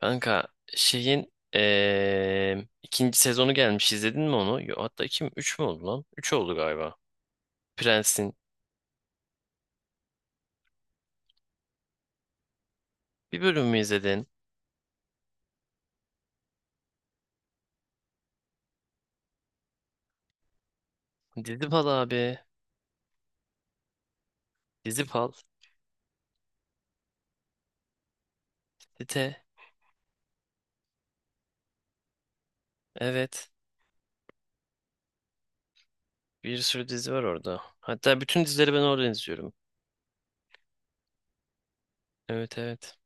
Kanka şeyin ikinci sezonu gelmiş, izledin mi onu? Yo, hatta iki mi? Üç mü oldu lan? Üç oldu galiba. Prens'in bir bölümü izledin. Dizipal abi. Dizipal. Dite. Evet. Bir sürü dizi var orada. Hatta bütün dizileri ben oradan izliyorum. Evet, evet.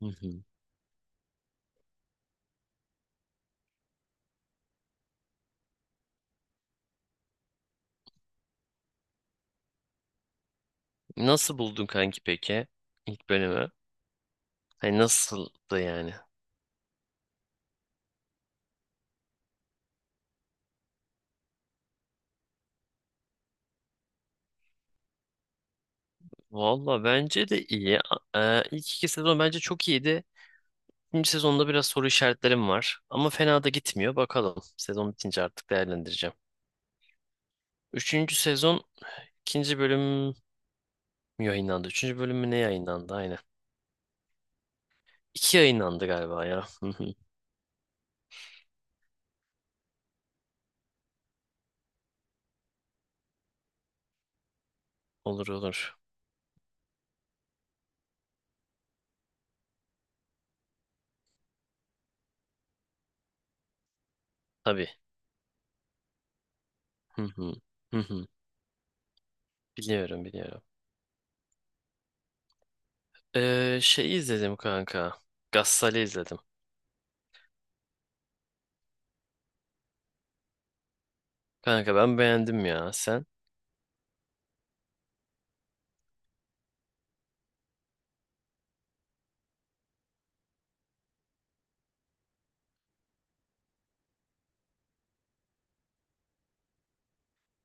Hı hı. Nasıl buldun kanki peki? ilk bölümü. Hani nasıldı yani? Valla bence de iyi. İlk iki sezon bence çok iyiydi. İkinci sezonda biraz soru işaretlerim var. Ama fena da gitmiyor. Bakalım. Sezon bitince artık değerlendireceğim. Üçüncü sezon ikinci bölüm mü yayınlandı? Üçüncü bölüm mü ne yayınlandı? Aynen. İki yayınlandı galiba ya. Hı hı. Olur olur. Tabii. Hı hı. Hı hı. Biliyorum, biliyorum. Şey izledim kanka. Gassal'i izledim. Kanka ben beğendim ya. Sen?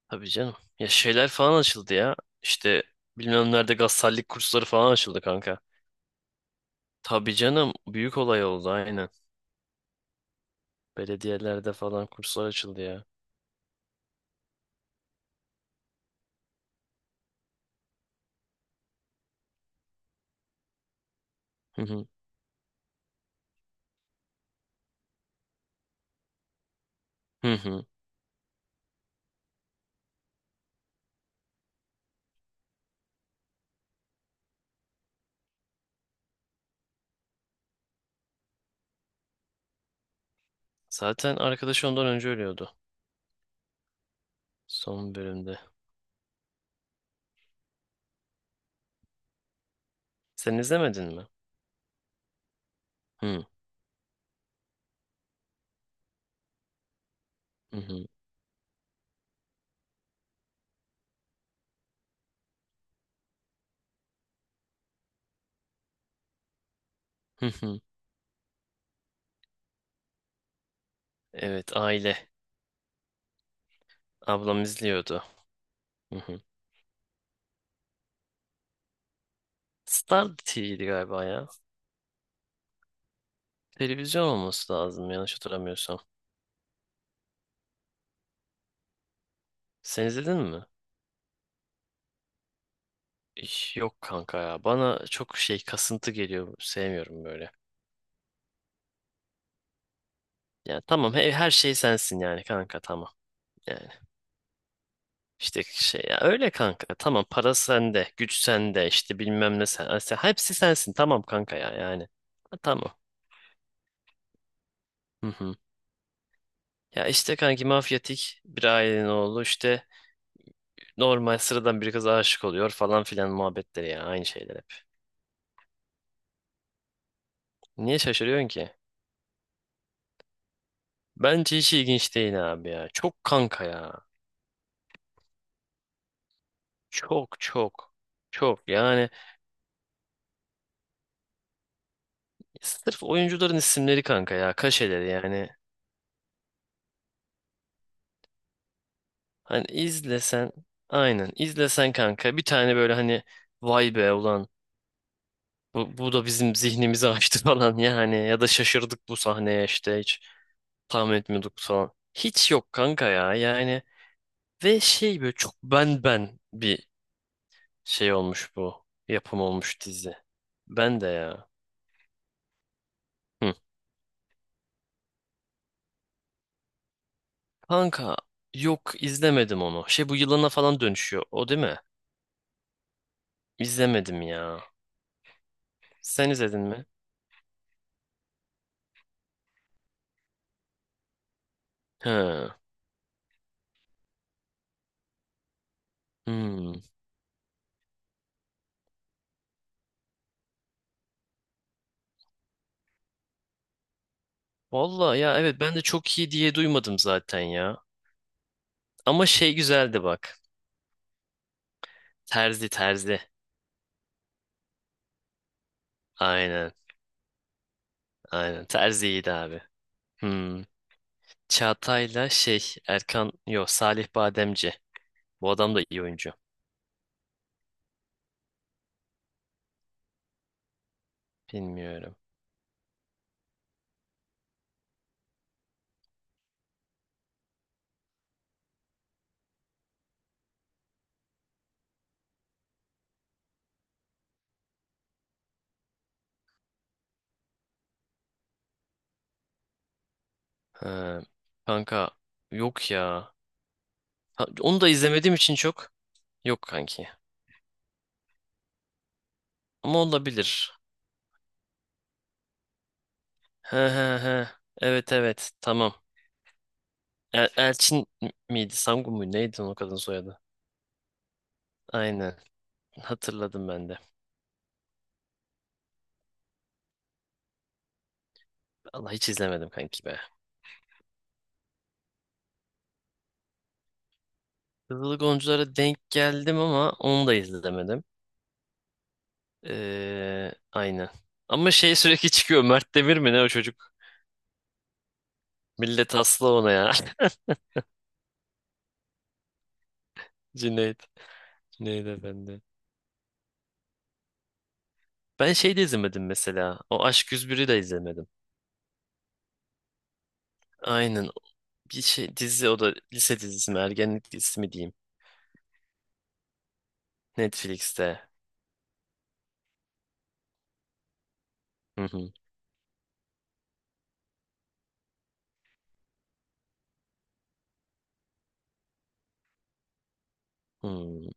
Tabii canım. Ya şeyler falan açıldı ya. İşte bilmem nerede gassallik kursları falan açıldı kanka. Tabii canım. Büyük olay oldu, aynen. Belediyelerde falan kurslar açıldı ya. Hı hı. Hı hı. Zaten arkadaşı ondan önce ölüyordu. Son bölümde. Sen izlemedin mi? Hı hı hı. Hı hı. Evet, aile. Ablam izliyordu. Hı hı. Star TV'ydi galiba ya. Televizyon olması lazım, yanlış hatırlamıyorsam. Sen izledin mi? Yok kanka ya. Bana çok şey kasıntı geliyor. Sevmiyorum böyle. Yani tamam, her şey sensin yani kanka, tamam. Yani İşte şey ya, öyle kanka, tamam, para sende, güç sende, işte bilmem ne sen, hepsi sensin, tamam kanka ya yani. Ha, tamam. Hı hı. Ya işte kanki, mafyatik bir ailenin oğlu, işte normal sıradan bir kıza aşık oluyor falan filan, muhabbetleri ya, aynı şeyler hep. Niye şaşırıyorsun ki? Bence hiç ilginç değil abi ya. Çok kanka ya. Çok çok. Çok yani, sırf oyuncuların isimleri kanka ya, kaşeleri yani. Hani izlesen, aynen izlesen kanka bir tane, böyle hani vay be ulan, bu da bizim zihnimizi açtı falan, yani ya da şaşırdık bu sahneye, işte hiç tahmin etmiyorduk falan. Hiç yok kanka ya yani. Ve şey böyle çok, ben bir şey olmuş, bu yapım olmuş dizi. Ben de ya. Hı. Kanka yok, izlemedim onu. Şey, bu yılana falan dönüşüyor o, değil mi? İzlemedim ya. Sen izledin mi? He. Hmm. Valla ya, evet, ben de çok iyi diye duymadım zaten ya. Ama şey güzeldi bak. Terzi. Aynen aynen, terzi iyiydi abi. Hmm. Çağatay'la şey, Erkan, yok, Salih Bademci. Bu adam da iyi oyuncu. Bilmiyorum. Ha, kanka, yok ya. Ha, onu da izlemediğim için çok. Yok kanki. Ama olabilir. He he he. Evet, evet, tamam. Elçin miydi? Sangu muydu? Neydi o kadın soyadı? Aynen. Hatırladım ben de. Allah, hiç izlemedim kanki be. Kızıl Goncalara denk geldim ama onu da izlemedim. Aynen. Ama şey, sürekli çıkıyor. Mert Demir mi ne o çocuk? Millet aslı ona ya. Cüneyt. Cüneyt Efendi. Ben şey de izlemedim mesela. O Aşk 101'i de izlemedim. Aynen. Bir şey, dizi o da, lise dizisi mi ergenlik dizisi mi diyeyim. Netflix'te. Hı hı. Hı hı.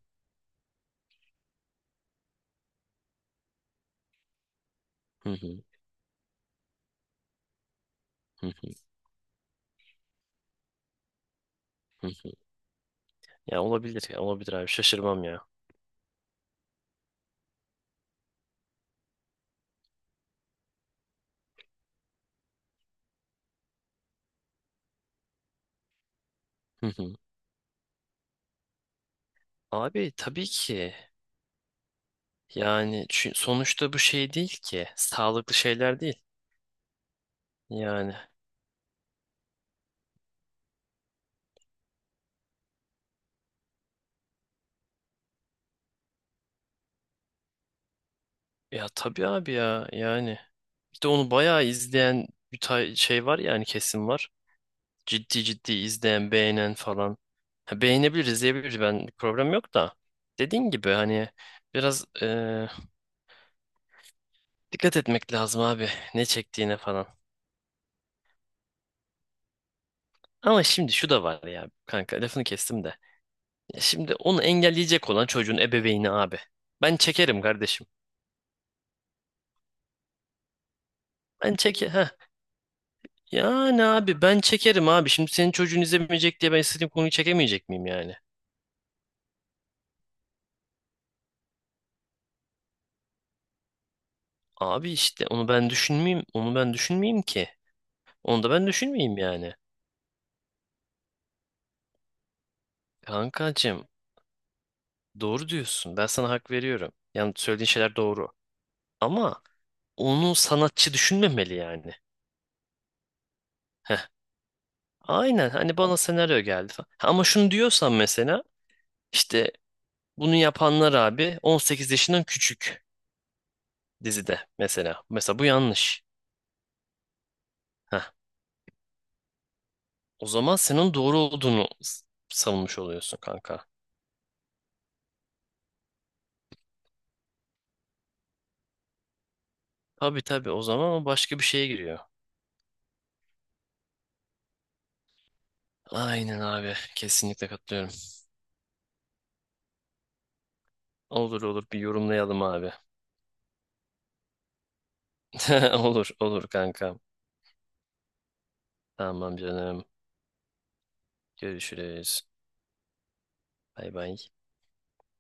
Hı hı. Hı hı. Ya olabilir, ya olabilir abi, şaşırmam ya. Hı hı. Abi tabii ki. Yani sonuçta bu şey değil ki. Sağlıklı şeyler değil. Yani ya tabii abi ya yani, bir de onu bayağı izleyen şey var yani, kesim var. Ciddi ciddi izleyen, beğenen falan. Ha, beğenebilir, izleyebilir, ben problem yok da. Dediğin gibi hani biraz dikkat etmek lazım abi, ne çektiğine falan. Ama şimdi şu da var ya kanka, lafını kestim de. Ya şimdi onu engelleyecek olan çocuğun ebeveyni abi. Ben çekerim kardeşim. Ben çekerim. Yani abi ben çekerim abi. Şimdi senin çocuğun izlemeyecek diye ben istediğim konuyu çekemeyecek miyim yani? Abi işte onu ben düşünmeyeyim. Onu ben düşünmeyeyim ki. Onu da ben düşünmeyeyim yani. Kankacığım doğru diyorsun. Ben sana hak veriyorum. Yani söylediğin şeyler doğru. Ama onu sanatçı düşünmemeli yani. Heh. Aynen, hani bana senaryo geldi falan. Ha, ama şunu diyorsan mesela, işte bunu yapanlar abi 18 yaşından küçük dizide mesela. Mesela bu yanlış. Heh. O zaman senin doğru olduğunu savunmuş oluyorsun kanka. Tabii tabii, o zaman o başka bir şeye giriyor. Aynen abi, kesinlikle katılıyorum. Olur olur, bir yorumlayalım abi. Olur olur kanka. Tamam canım. Görüşürüz. Bay bay.